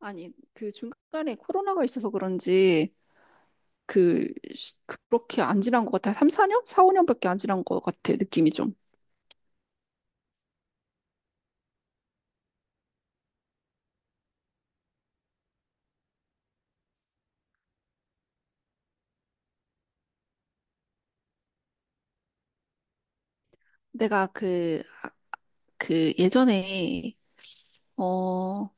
아니, 그 중간에 코로나가 있어서 그런지, 그, 시- 그렇게 안 지난 것 같아. 3, 4년? 4, 5년밖에 안 지난 것 같아, 느낌이 좀. 내가 그 예전에, 어,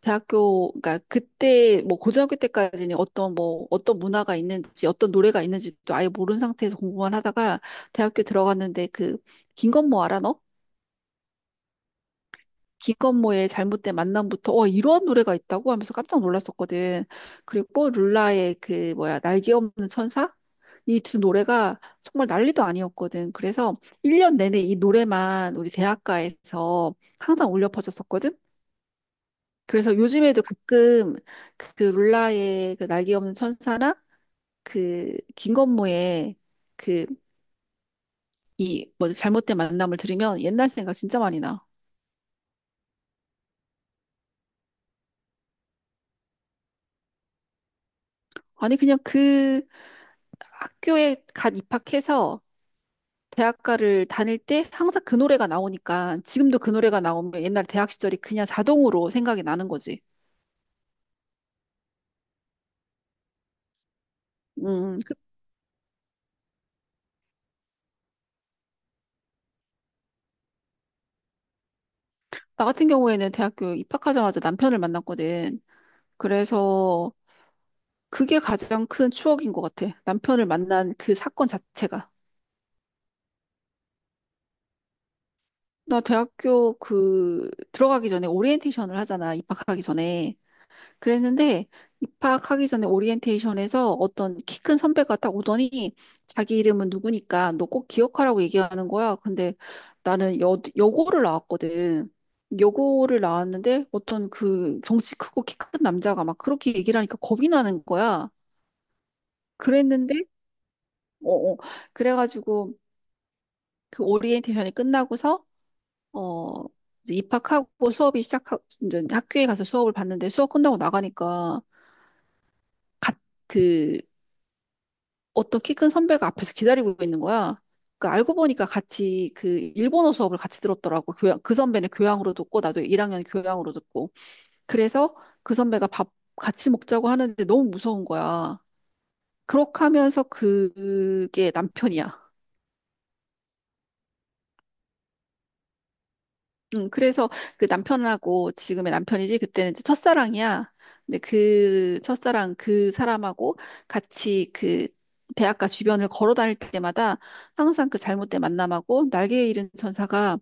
대학교, 그러니까 그때, 뭐, 고등학교 때까지는 어떤 뭐, 어떤 문화가 있는지, 어떤 노래가 있는지도 아예 모르는 상태에서 공부만 하다가 대학교 들어갔는데 김건모 알아, 너? 김건모의 잘못된 만남부터 이런 노래가 있다고 하면서 깜짝 놀랐었거든. 그리고 룰라의 그 뭐야 날개 없는 천사, 이 두 노래가 정말 난리도 아니었거든. 그래서 1년 내내 이 노래만 우리 대학가에서 항상 울려 퍼졌었거든. 그래서 요즘에도 가끔 그 룰라의 그 날개 없는 천사나 그 김건모의 그 이 뭐 잘못된 만남을 들으면 옛날 생각 진짜 많이 나. 아니 그냥 그 학교에 갓 입학해서 대학가를 다닐 때 항상 그 노래가 나오니까 지금도 그 노래가 나오면 옛날 대학 시절이 그냥 자동으로 생각이 나는 거지. 음, 그- 나 같은 경우에는 대학교 입학하자마자 남편을 만났거든. 그래서 그게 가장 큰 추억인 것 같아. 남편을 만난 그 사건 자체가. 나 대학교 그 들어가기 전에 오리엔테이션을 하잖아. 입학하기 전에. 그랬는데 입학하기 전에 오리엔테이션에서 어떤 키 큰 선배가 딱 오더니 자기 이름은 누구니까 너 꼭 기억하라고 얘기하는 거야. 근데 나는 여고를 나왔거든. 여고를 나왔는데 어떤 그 덩치 크고 키 큰 남자가 막 그렇게 얘기를 하니까 겁이 나는 거야. 그랬는데 어, 어. 그래가지고 그 오리엔테이션이 끝나고서 어 이제 입학하고 수업이 시작하 이제 학교에 가서 수업을 봤는데 수업 끝나고 나가니까 갓- 그 어떤 키 큰 선배가 앞에서 기다리고 있는 거야. 그 알고 보니까 같이 그 일본어 수업을 같이 들었더라고. 교양, 그 선배는 교양으로 듣고 나도 1학년 교양으로 듣고. 그래서 그 선배가 밥 같이 먹자고 하는데 너무 무서운 거야. 그렇게 하면서 그게 남편이야. 응, 그래서 그 남편하고, 지금의 남편이지 그때는 이제 첫사랑이야. 근데 그 첫사랑 그 사람하고 같이 그 대학가 주변을 걸어 다닐 때마다 항상 그 잘못된 만남하고 날개 잃은 천사가,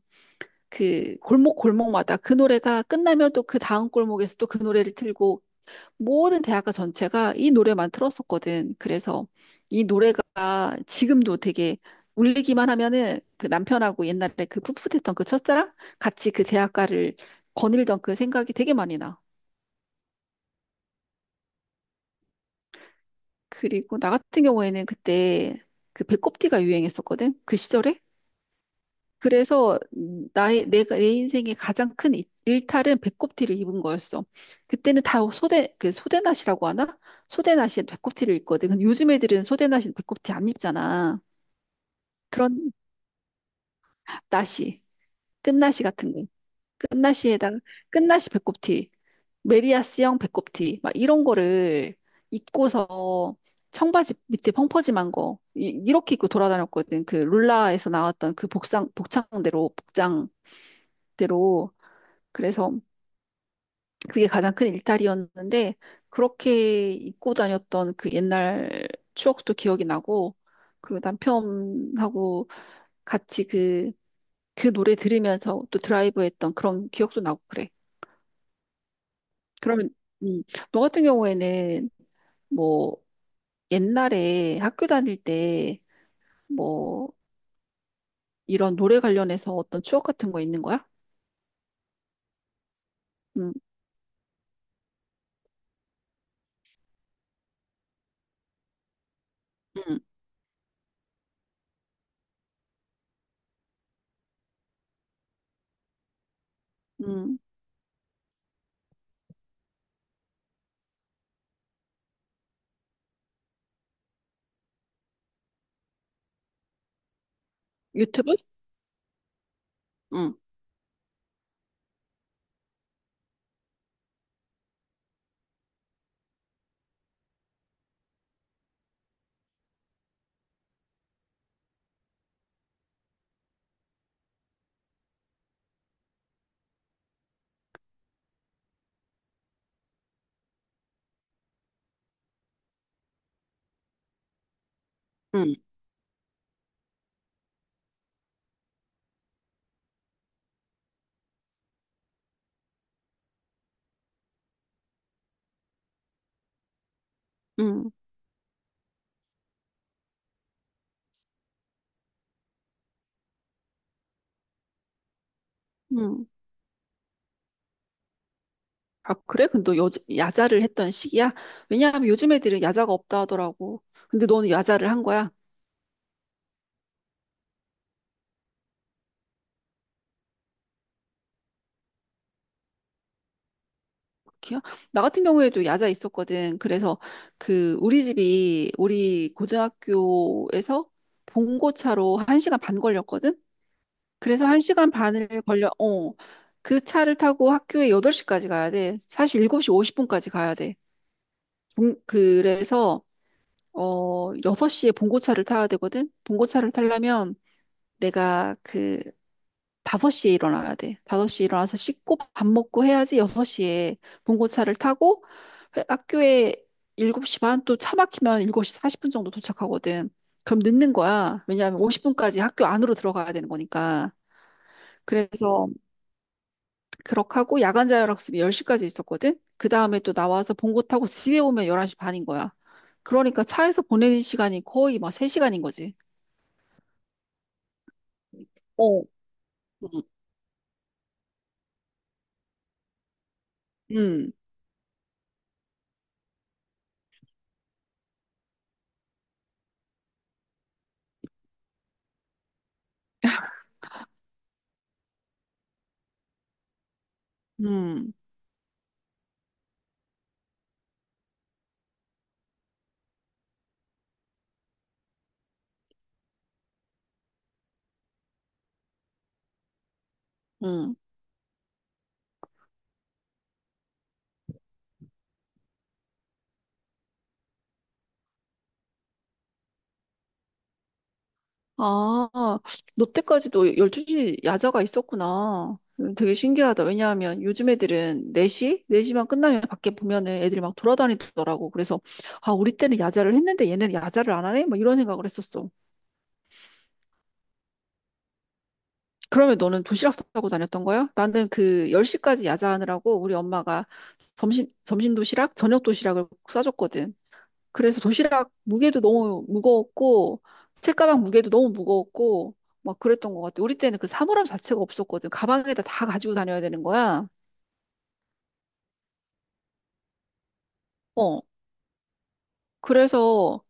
그 골목 골목마다 그 노래가 끝나면 또 그 다음 골목에서 또 그 노래를 틀고, 모든 대학가 전체가 이 노래만 틀었었거든. 그래서 이 노래가 지금도 되게 울리기만 하면은 그 남편하고 옛날에 그 풋풋했던 그 첫사랑 같이 그 대학가를 거닐던 그 생각이 되게 많이 나. 그리고 나 같은 경우에는 그때 그 배꼽티가 유행했었거든. 그 시절에. 그래서 나의 내가 내 인생의 가장 큰 일탈은 배꼽티를 입은 거였어. 그때는 다 소대, 그 소대낫이라고 하나? 소대낫이 배꼽티를 입거든. 근데 요즘 애들은 소대낫이 배꼽티 안 입잖아. 그런 나시, 끝나시 같은 거, 끝나시에다가 끝나시 배꼽티, 메리야스형 배꼽티 막 이런 거를 입고서 청바지 밑에 펑퍼짐한 거 이렇게 입고 돌아다녔거든. 그 룰라에서 나왔던 그 복상 복장대로, 그래서 그게 가장 큰 일탈이었는데 그렇게 입고 다녔던 그 옛날 추억도 기억이 나고, 그리고 남편하고 같이 그, 그 노래 들으면서 또 드라이브 했던 그런 기억도 나고 그래. 그러면 음, 너 같은 경우에는 뭐 옛날에 학교 다닐 때 뭐 이런 노래 관련해서 어떤 추억 같은 거 있는 거야? 음, 음, 음. 유튜브? 음, 음, 음, 음. 아, 그래? 근데 너 야자를 했던 시기야? 왜냐하면 요즘 애들은 야자가 없다 하더라고. 근데 너는 야자를 한 거야? 그렇게요? 나 같은 경우에도 야자 있었거든. 그래서 그 우리 집이 우리 고등학교에서 봉고차로 한시간반 걸렸거든? 그래서 한시간 반을 걸려, 그 차를 타고 학교에 8시까지 가야 돼. 사실 7시 50분까지 가야 돼. 그래서, 6시에 봉고차를 타야 되거든? 봉고차를 타려면 내가 그 5시에 일어나야 돼. 5시에 일어나서 씻고 밥 먹고 해야지 6시에 봉고차를 타고 학교에 7시 반, 또 차 막히면 7시 40분 정도 도착하거든. 그럼 늦는 거야. 왜냐하면 50분까지 학교 안으로 들어가야 되는 거니까. 그래서 그렇게 하고 야간 자율학습이 10시까지 있었거든. 그 다음에 또 나와서 봉고 타고 집에 오면 11시 반인 거야. 그러니까 차에서 보내는 시간이 거의 막 3시간인 거지. 어. 음, 음, 음. 음. 아, 너 때까지도 12시 야자가 있었구나. 되게 신기하다. 왜냐하면 요즘 애들은 4시? 4시만 끝나면 밖에 보면은 애들이 막 돌아다니더라고. 그래서, 아, 우리 때는 야자를 했는데 얘는 야자를 안 하네? 막 이런 생각을 했었어. 그러면 너는 도시락 싸고 다녔던 거야? 나는 그 10시까지 야자하느라고 우리 엄마가 점심 도시락, 저녁 도시락을 꼭 싸줬거든. 그래서 도시락 무게도 너무 무거웠고 책가방 무게도 너무 무거웠고 막 그랬던 것 같아. 우리 때는 그 사물함 자체가 없었거든. 가방에다 다 가지고 다녀야 되는 거야. 어. 그래서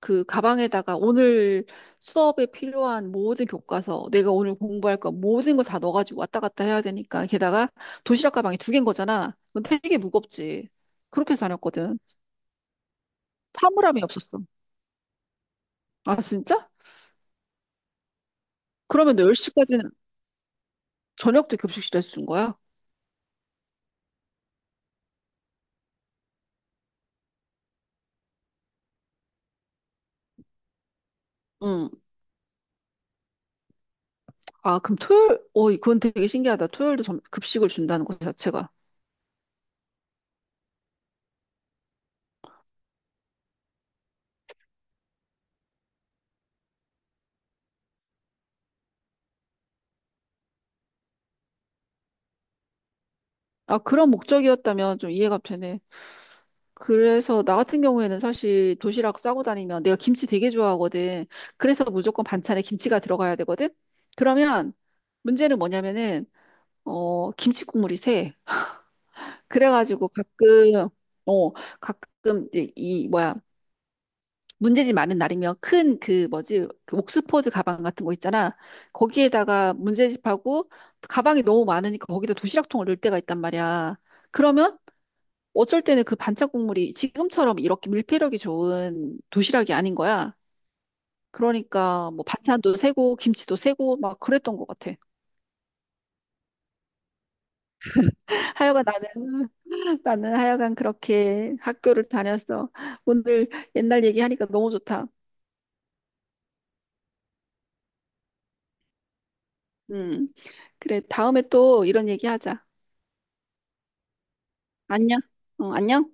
그 가방에다가 오늘 수업에 필요한 모든 교과서, 내가 오늘 공부할 거 모든 걸 다 넣어가지고 왔다 갔다 해야 되니까, 게다가 도시락 가방이 두 개인 거잖아. 그건 되게 무겁지. 그렇게 다녔거든. 사물함이 없었어. 아, 진짜? 그러면 너 10시까지는 저녁도 급식실에서 준 거야? 응. 아, 그럼 토요일, 어, 그건 되게 신기하다. 토요일도 급식을 준다는 것 자체가. 아, 그런 목적이었다면 좀 이해가 되네. 그래서 나 같은 경우에는 사실 도시락 싸고 다니면 내가 김치 되게 좋아하거든. 그래서 무조건 반찬에 김치가 들어가야 되거든. 그러면 문제는 뭐냐면은, 김치 국물이 새. 그래가지고 어, 가끔 이제 문제집 많은 날이면 큰 그 뭐지 그 옥스포드 가방 같은 거 있잖아. 거기에다가 문제집하고 가방이 너무 많으니까 거기다 도시락통을 넣을 때가 있단 말이야. 그러면 어쩔 때는 그 반찬 국물이 지금처럼 이렇게 밀폐력이 좋은 도시락이 아닌 거야. 그러니까 뭐 반찬도 새고 김치도 새고 막 그랬던 것 같아. 하여간 나는 나는 하여간 그렇게 학교를 다녔어. 오늘 옛날 얘기하니까 너무 좋다. 음. 그래 다음에 또 이런 얘기하자. 안녕. 어, 안녕.